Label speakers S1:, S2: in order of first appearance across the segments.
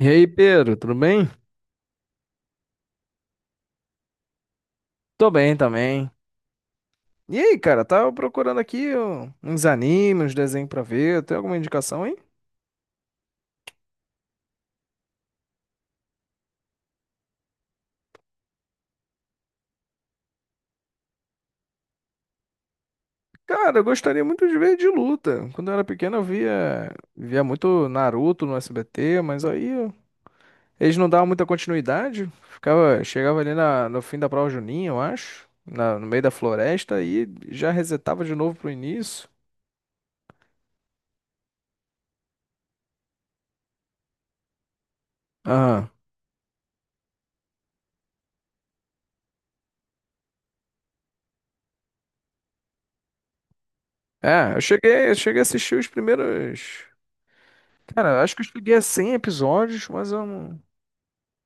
S1: E aí, Pedro, tudo bem? Tô bem também. E aí, cara, tava procurando aqui ó, uns animes, uns desenhos pra ver. Tem alguma indicação aí? Cara, eu gostaria muito de ver de luta. Quando eu era pequeno, eu via muito Naruto no SBT, mas aí ó, eles não davam muita continuidade. Ficava, chegava ali no fim da prova juninha, eu acho, no meio da floresta, e já resetava de novo pro início. Aham. É, eu cheguei a assistir os primeiros. Cara, acho que eu cheguei a 100 episódios, mas eu não.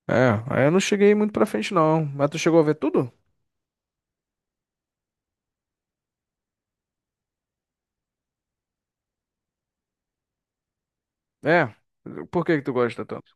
S1: É, aí eu não cheguei muito pra frente, não. Mas tu chegou a ver tudo? É. Por que que tu gosta tanto?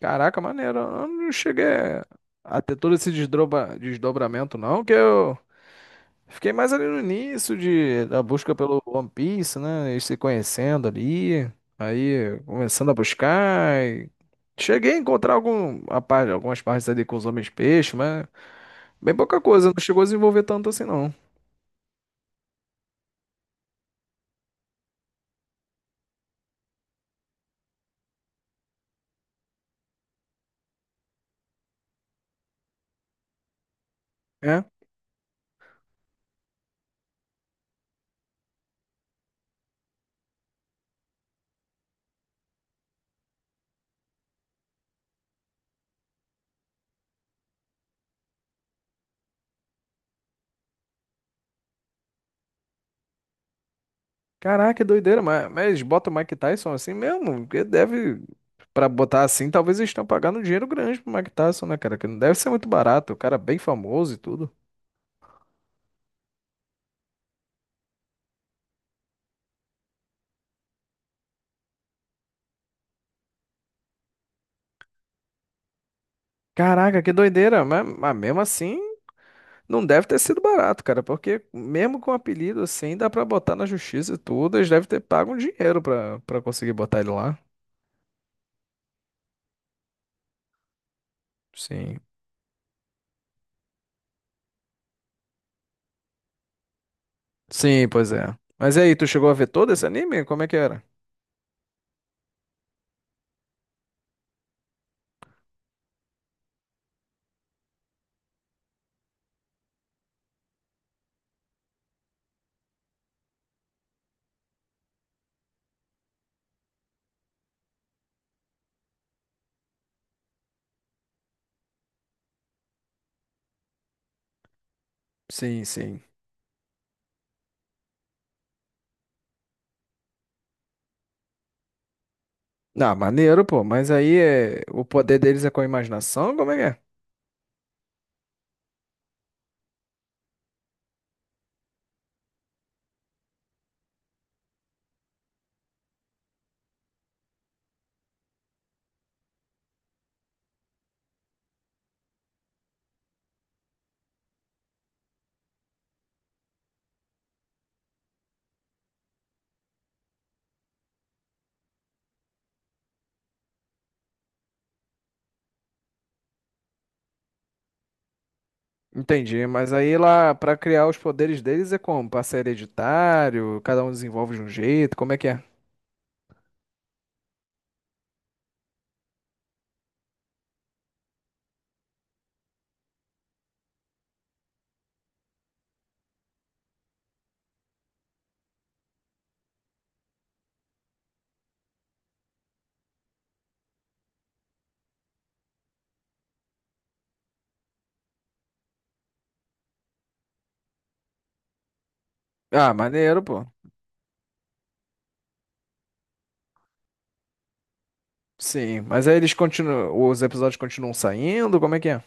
S1: Caraca, maneiro. Eu não cheguei a ter todo esse desdobramento, não, que eu fiquei mais ali no início da busca pelo One Piece, né? Eles se conhecendo ali. Aí começando a buscar. E cheguei a encontrar algumas partes ali com os homens peixe, mas bem pouca coisa. Não chegou a desenvolver tanto assim, não. É. Caraca, doideira, mas, bota o Mike Tyson assim mesmo? Porque deve, pra botar assim, talvez eles estão pagando um dinheiro grande pro Mike Tyson, né, cara? Que não deve ser muito barato, o cara é bem famoso e tudo. Caraca, que doideira, mas mesmo assim, não deve ter sido barato, cara, porque mesmo com apelido assim, dá pra botar na justiça e tudo, eles devem ter pago um dinheiro pra conseguir botar ele lá. Sim, sim, pois é. Mas e aí, tu chegou a ver todo esse anime? Como é que era? Sim, sim. Ah, maneiro, pô. Mas aí o poder deles é com a imaginação? Como é que é? Entendi. Mas aí lá, pra criar os poderes deles é como? Passa hereditário? Cada um desenvolve de um jeito? Como é que é? Ah, maneiro, pô. Sim. Mas aí eles continuam. Os episódios continuam saindo? Como é que é?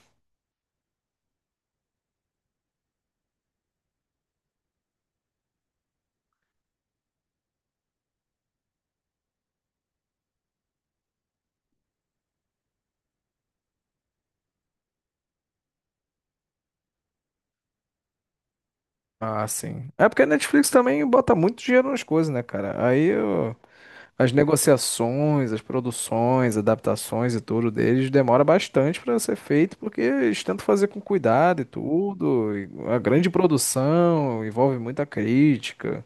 S1: Ah, sim. É porque a Netflix também bota muito dinheiro nas coisas, né, cara? Aí eu. As negociações, as produções, adaptações e tudo deles demora bastante para ser feito, porque eles tentam fazer com cuidado e tudo. E a grande produção envolve muita crítica.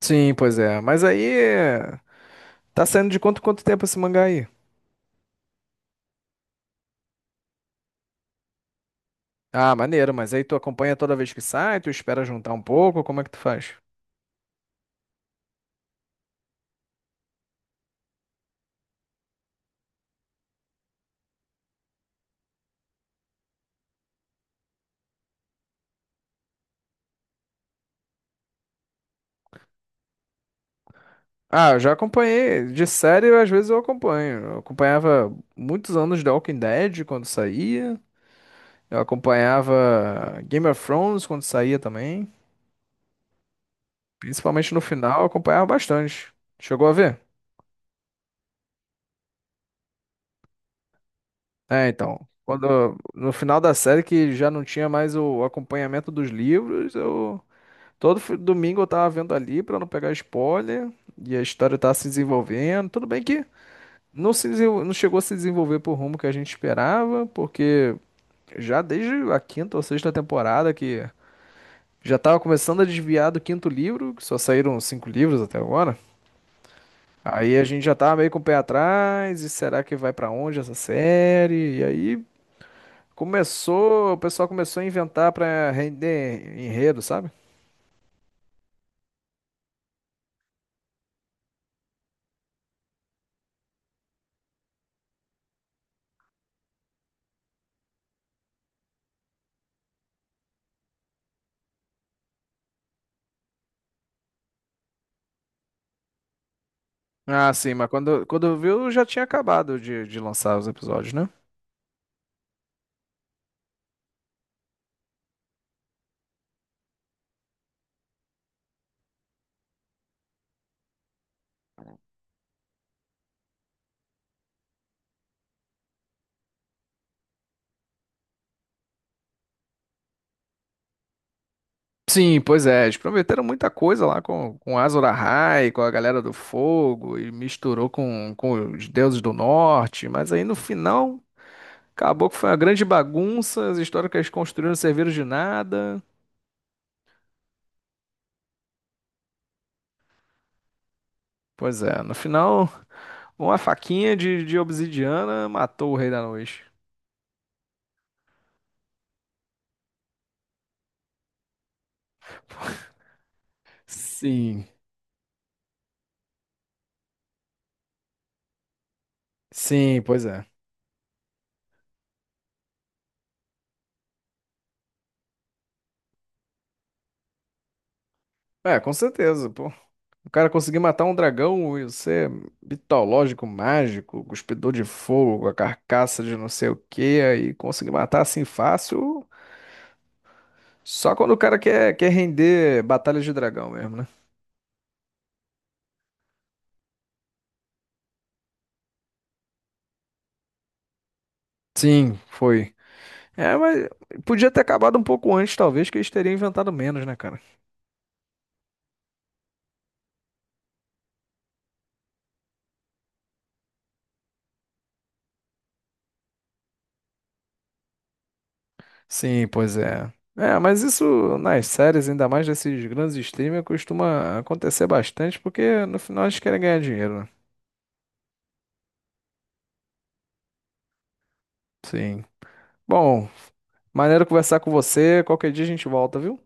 S1: Sim, pois é. Mas aí é, tá saindo de quanto tempo esse mangá aí? Ah, maneiro, mas aí tu acompanha toda vez que sai, tu espera juntar um pouco, como é que tu faz? Ah, eu já acompanhei. De série, às vezes eu acompanho. Eu acompanhava muitos anos de Walking Dead quando saía. Eu acompanhava Game of Thrones quando saía também. Principalmente no final, eu acompanhava bastante. Chegou a ver? É, então. Quando, no final da série, que já não tinha mais o acompanhamento dos livros, eu. Todo domingo eu tava vendo ali pra não pegar spoiler. E a história tá se desenvolvendo. Tudo bem que não, se desenvol- não chegou a se desenvolver pro rumo que a gente esperava, porque já desde a quinta ou sexta temporada que já tava começando a desviar do quinto livro, que só saíram cinco livros até agora. Aí a gente já tava meio com o pé atrás, e será que vai pra onde essa série? E aí o pessoal começou a inventar pra render enredo, sabe? Ah, sim, mas quando viu já tinha acabado de lançar os episódios, né? Sim, pois é, eles prometeram muita coisa lá com, Azor Ahai, com a galera do fogo, e misturou com os deuses do norte, mas aí no final acabou que foi uma grande bagunça, as histórias que eles construíram não serviram de nada. Pois é, no final, uma faquinha de obsidiana matou o Rei da Noite. Sim, sim, pois é. É, com certeza, pô. O cara conseguir matar um dragão e ser mitológico, mágico, cuspidor de fogo, a carcaça de não sei o quê, aí conseguir matar assim fácil, só quando o cara quer, render batalhas de dragão mesmo, né? Sim, foi. É, mas podia ter acabado um pouco antes, talvez, que eles teriam inventado menos, né, cara? Sim, pois é. É, mas isso nas séries, ainda mais desses grandes streamers, costuma acontecer bastante, porque no final eles querem ganhar dinheiro, né? Sim. Bom, maneiro conversar com você. Qualquer dia a gente volta, viu?